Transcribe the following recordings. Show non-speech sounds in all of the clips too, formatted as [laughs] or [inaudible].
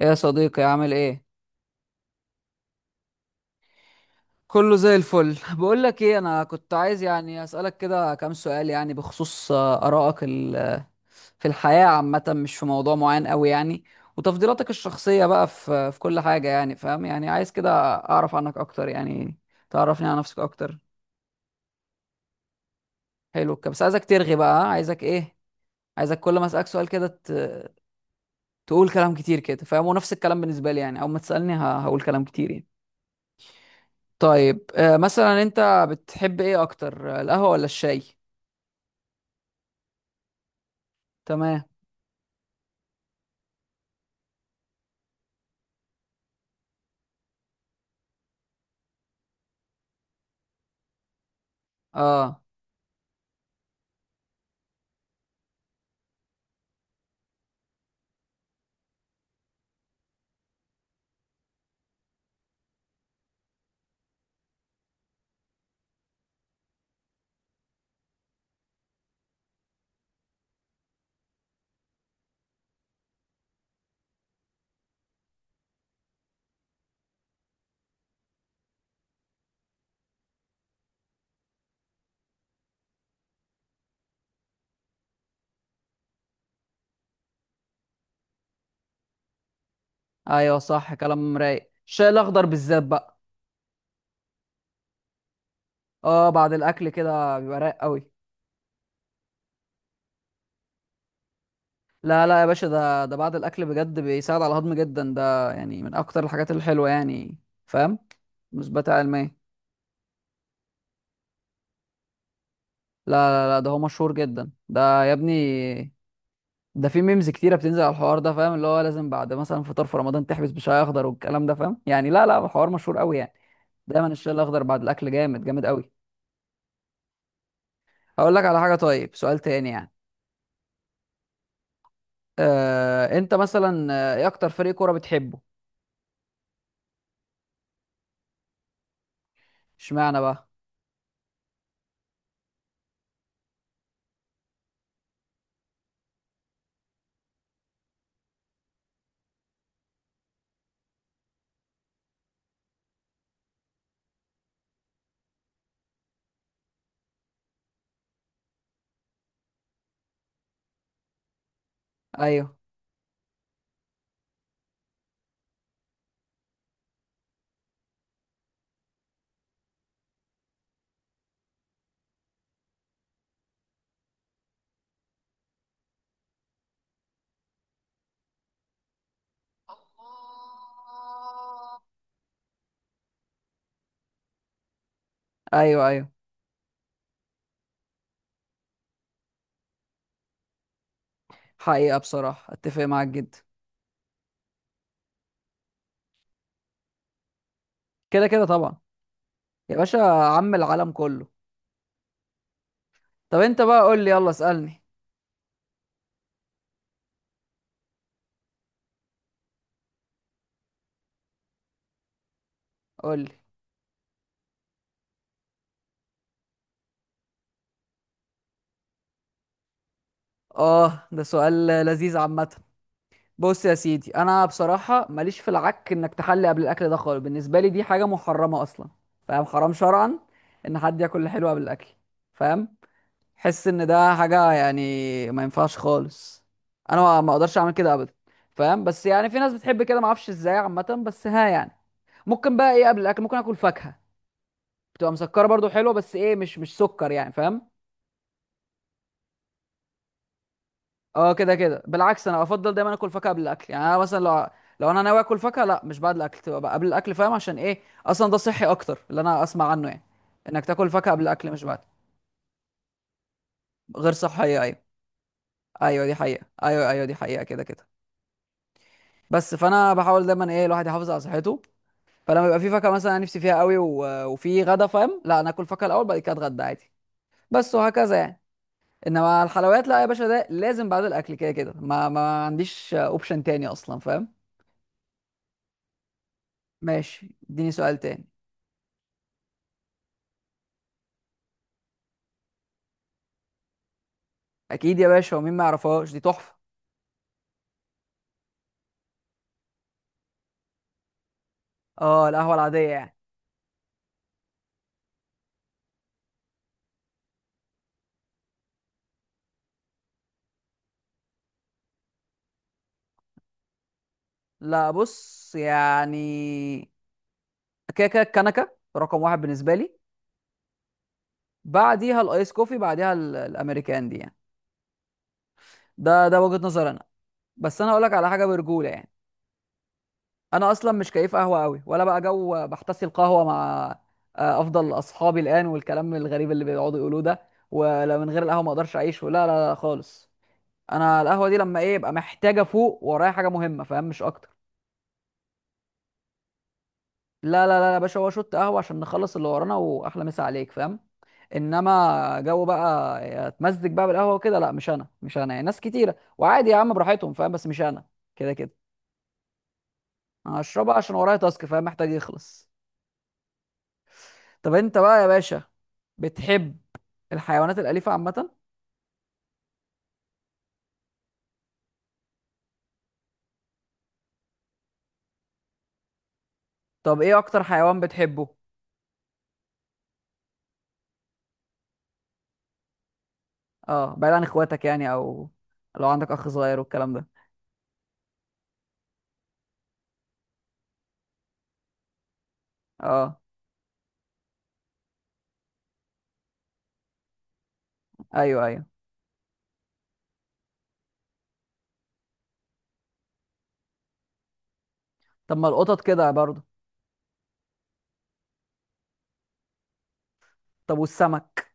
ايه يا صديقي، عامل ايه؟ كله زي الفل [laughs] بقول لك ايه، انا كنت عايز يعني اسالك كده كام سؤال يعني بخصوص ارائك في الحياه عامه، مش في موضوع معين قوي يعني. وتفضيلاتك الشخصيه بقى في كل حاجه يعني، فاهم يعني، عايز كده اعرف عنك اكتر يعني، تعرفني على نفسك اكتر. حلو كده، بس عايزك ترغي بقى، ها؟ عايزك ايه، عايزك كل ما اسالك سؤال كده تقول كلام كتير كده، فاهم. ونفس الكلام بالنسبه لي يعني، اول ما تسالني هقول كلام كتير يعني. طيب، مثلا انت بتحب ايه اكتر، القهوة ولا الشاي؟ تمام. اه، ايوه صح، كلام رايق. الشاي الاخضر بالذات بقى. اه بعد الاكل كده بيبقى رايق قوي. لا لا يا باشا، ده بعد الاكل بجد بيساعد على الهضم جدا، ده يعني من اكتر الحاجات الحلوة يعني، فاهم. مثبتة علميا. لا لا لا، ده هو مشهور جدا ده يا ابني. ده في ميمز كتيره بتنزل على الحوار ده، فاهم، اللي هو لازم بعد مثلا فطار في رمضان تحبس بشاي اخضر والكلام ده، فاهم يعني، لا لا الحوار مشهور قوي يعني. دايما الشاي الاخضر بعد الاكل جامد، جامد قوي. هقول لك على حاجه، طيب سؤال تاني يعني. انت مثلا، ايه اكتر فريق كوره بتحبه؟ اشمعنى بقى؟ ايوه ايوه ايوه. حقيقه بصراحه اتفق معاك جدا. كده كده طبعا يا باشا، عم العالم كله. طب انت بقى قول لي، يلا اسالني. قول لي. اه، ده سؤال لذيذ عامه. بص يا سيدي، انا بصراحه ماليش في العك، انك تحلي قبل الاكل ده خالص بالنسبه لي دي حاجه محرمه اصلا، فاهم. حرام شرعا ان حد ياكل الحلو قبل الاكل، فاهم. حس ان ده حاجه يعني ما ينفعش خالص، انا ما اقدرش اعمل كده ابدا، فاهم. بس يعني في ناس بتحب كده، ما اعرفش ازاي عامه، بس ها يعني. ممكن بقى ايه قبل الاكل، ممكن اكل فاكهه. بتبقى مسكره برضو، حلوه، بس ايه، مش سكر يعني، فاهم. اه كده كده بالعكس، انا افضل دايما اكل فاكهه قبل الاكل. يعني انا مثلا لو انا ناوي اكل فاكهه، لا، مش بعد الاكل، تبقى بقى قبل الاكل، فاهم، عشان ايه، اصلا ده صحي اكتر اللي انا اسمع عنه يعني، انك تاكل فاكهه قبل الاكل مش بعد. غير صحيه، ايوه. ايوه دي حقيقه، ايوه ايوه دي حقيقه كده كده. بس فانا بحاول دايما ايه، الواحد يحافظ على صحته. فلما يبقى في فاكهه مثلا أنا نفسي فيها قوي وفي غدا، فاهم، لا انا اكل فاكهه الاول، بعد كده اتغدى عادي بس، وهكذا يعني. انما الحلويات لا يا باشا، ده لازم بعد الاكل كده كده، ما عنديش اوبشن تاني اصلا، فاهم. ماشي، اديني سؤال تاني. اكيد يا باشا، ومين ما يعرفهاش، دي تحفه. اه، القهوه العاديه يعني. لا، بص يعني، كده كده الكنكه رقم واحد بالنسبه لي. بعديها الايس كوفي، بعديها الامريكان دي يعني. ده وجهه نظر انا. بس انا هقول لك على حاجه برجوله يعني، انا اصلا مش كيف قهوه قوي، ولا بقى جو بحتسي القهوه مع افضل اصحابي الان، والكلام الغريب اللي بيقعدوا يقولوه ده، ولا من غير القهوه ما اقدرش اعيش، ولا لا لا خالص. انا القهوه دي لما ايه، يبقى محتاجه، فوق ورايا حاجه مهمه، فاهم، مش اكتر. لا لا لا يا باشا، هو شوت قهوة عشان نخلص اللي ورانا وأحلى مسا عليك، فاهم. إنما جو بقى اتمزج بقى بالقهوة وكده، لا مش أنا، مش أنا يعني. ناس كتيرة وعادي يا عم براحتهم، فاهم، بس مش أنا كده كده. أنا هشربها عشان ورايا تاسك، فاهم، محتاج يخلص. طب أنت بقى يا باشا، بتحب الحيوانات الأليفة عامة؟ طب إيه أكتر حيوان بتحبه؟ أه بعيد عن إخواتك يعني، أو لو عندك أخ صغير والكلام ده. أه. أيوه أيوه. طب ما القطط كده برضه. طب والسمك.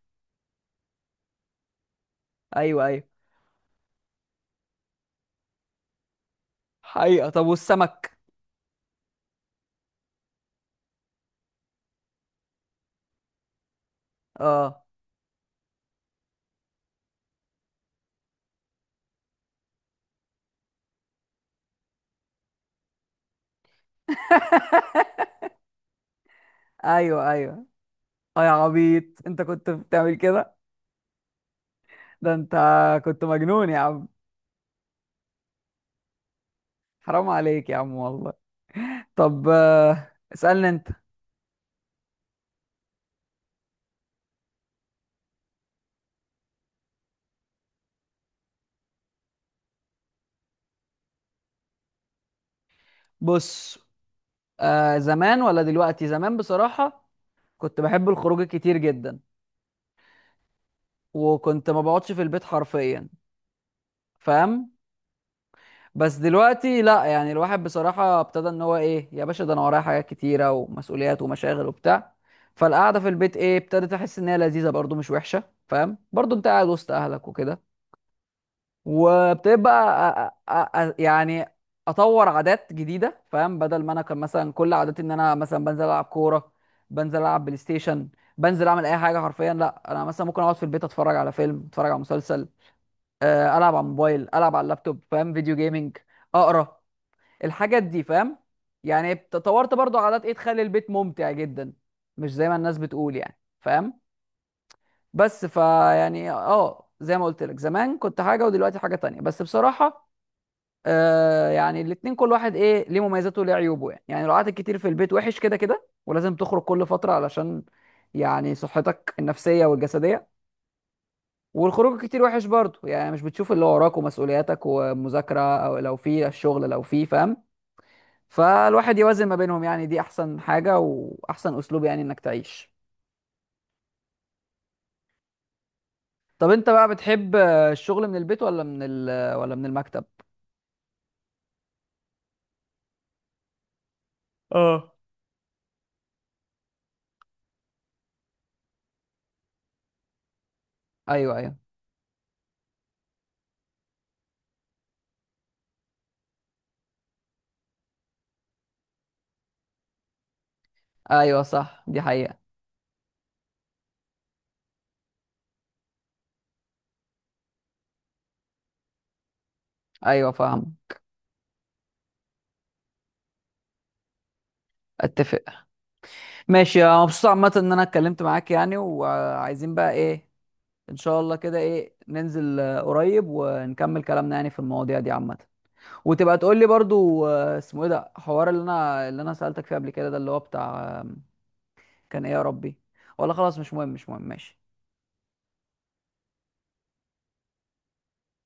أيوه أيوه. حقيقة، طب والسمك. اه. [laughs] ايوه ايوه. اه يا عبيط انت كنت بتعمل كده؟ ده انت كنت مجنون يا عم. حرام عليك يا عم والله. طب، اسألني انت. بص، زمان ولا دلوقتي؟ زمان بصراحة كنت بحب الخروج كتير جدا، وكنت ما بقعدش في البيت حرفيا، فاهم. بس دلوقتي لا، يعني الواحد بصراحة ابتدى ان هو ايه يا باشا، ده انا ورايا حاجات كتيرة ومسؤوليات ومشاغل وبتاع، فالقعدة في البيت ايه، ابتدت احس ان هي لذيذة برضو، مش وحشة، فاهم، برضو انت قاعد وسط اهلك وكده. وابتديت بقى يعني اطور عادات جديدة، فاهم. بدل ما انا كان مثلا كل عاداتي ان انا مثلا بنزل العب كورة، بنزل العب بلاي ستيشن، بنزل اعمل اي حاجة حرفيا، لا انا مثلا ممكن اقعد في البيت اتفرج على فيلم، اتفرج على مسلسل، العب على الموبايل، العب على اللابتوب، فاهم، فيديو جيمنج، اقرا، الحاجات دي، فاهم. يعني طورت برضو عادات ايه تخلي البيت ممتع جدا، مش زي ما الناس بتقول يعني، فاهم. بس فيعني اه زي ما قلت لك، زمان كنت حاجه ودلوقتي حاجه تانية بس بصراحه. يعني الاتنين كل واحد ايه ليه مميزاته وليه عيوبه يعني لو قعدت كتير في البيت وحش كده كده، ولازم تخرج كل فتره علشان يعني صحتك النفسيه والجسديه. والخروج كتير وحش برضه يعني، مش بتشوف اللي وراك ومسؤولياتك ومذاكره، او لو في الشغل لو في، فاهم. فالواحد يوازن ما بينهم يعني، دي احسن حاجة واحسن اسلوب يعني انك تعيش. طب انت بقى بتحب، الشغل من البيت ولا من المكتب؟ اه ايوه، ايوه، ايوه صح دي حقيقة، ايوه فاهم، اتفق. ماشي، أنا مبسوط عامة ان انا اتكلمت معاك يعني، وعايزين بقى ايه. ان شاء الله كده ايه، ننزل قريب ونكمل كلامنا يعني في المواضيع دي عامة. وتبقى تقول لي برضو اسمه ايه ده، حوار اللي انا سألتك فيه قبل كده، ده اللي هو بتاع كان ايه يا ربي، ولا خلاص مش مهم مش مهم، ماشي.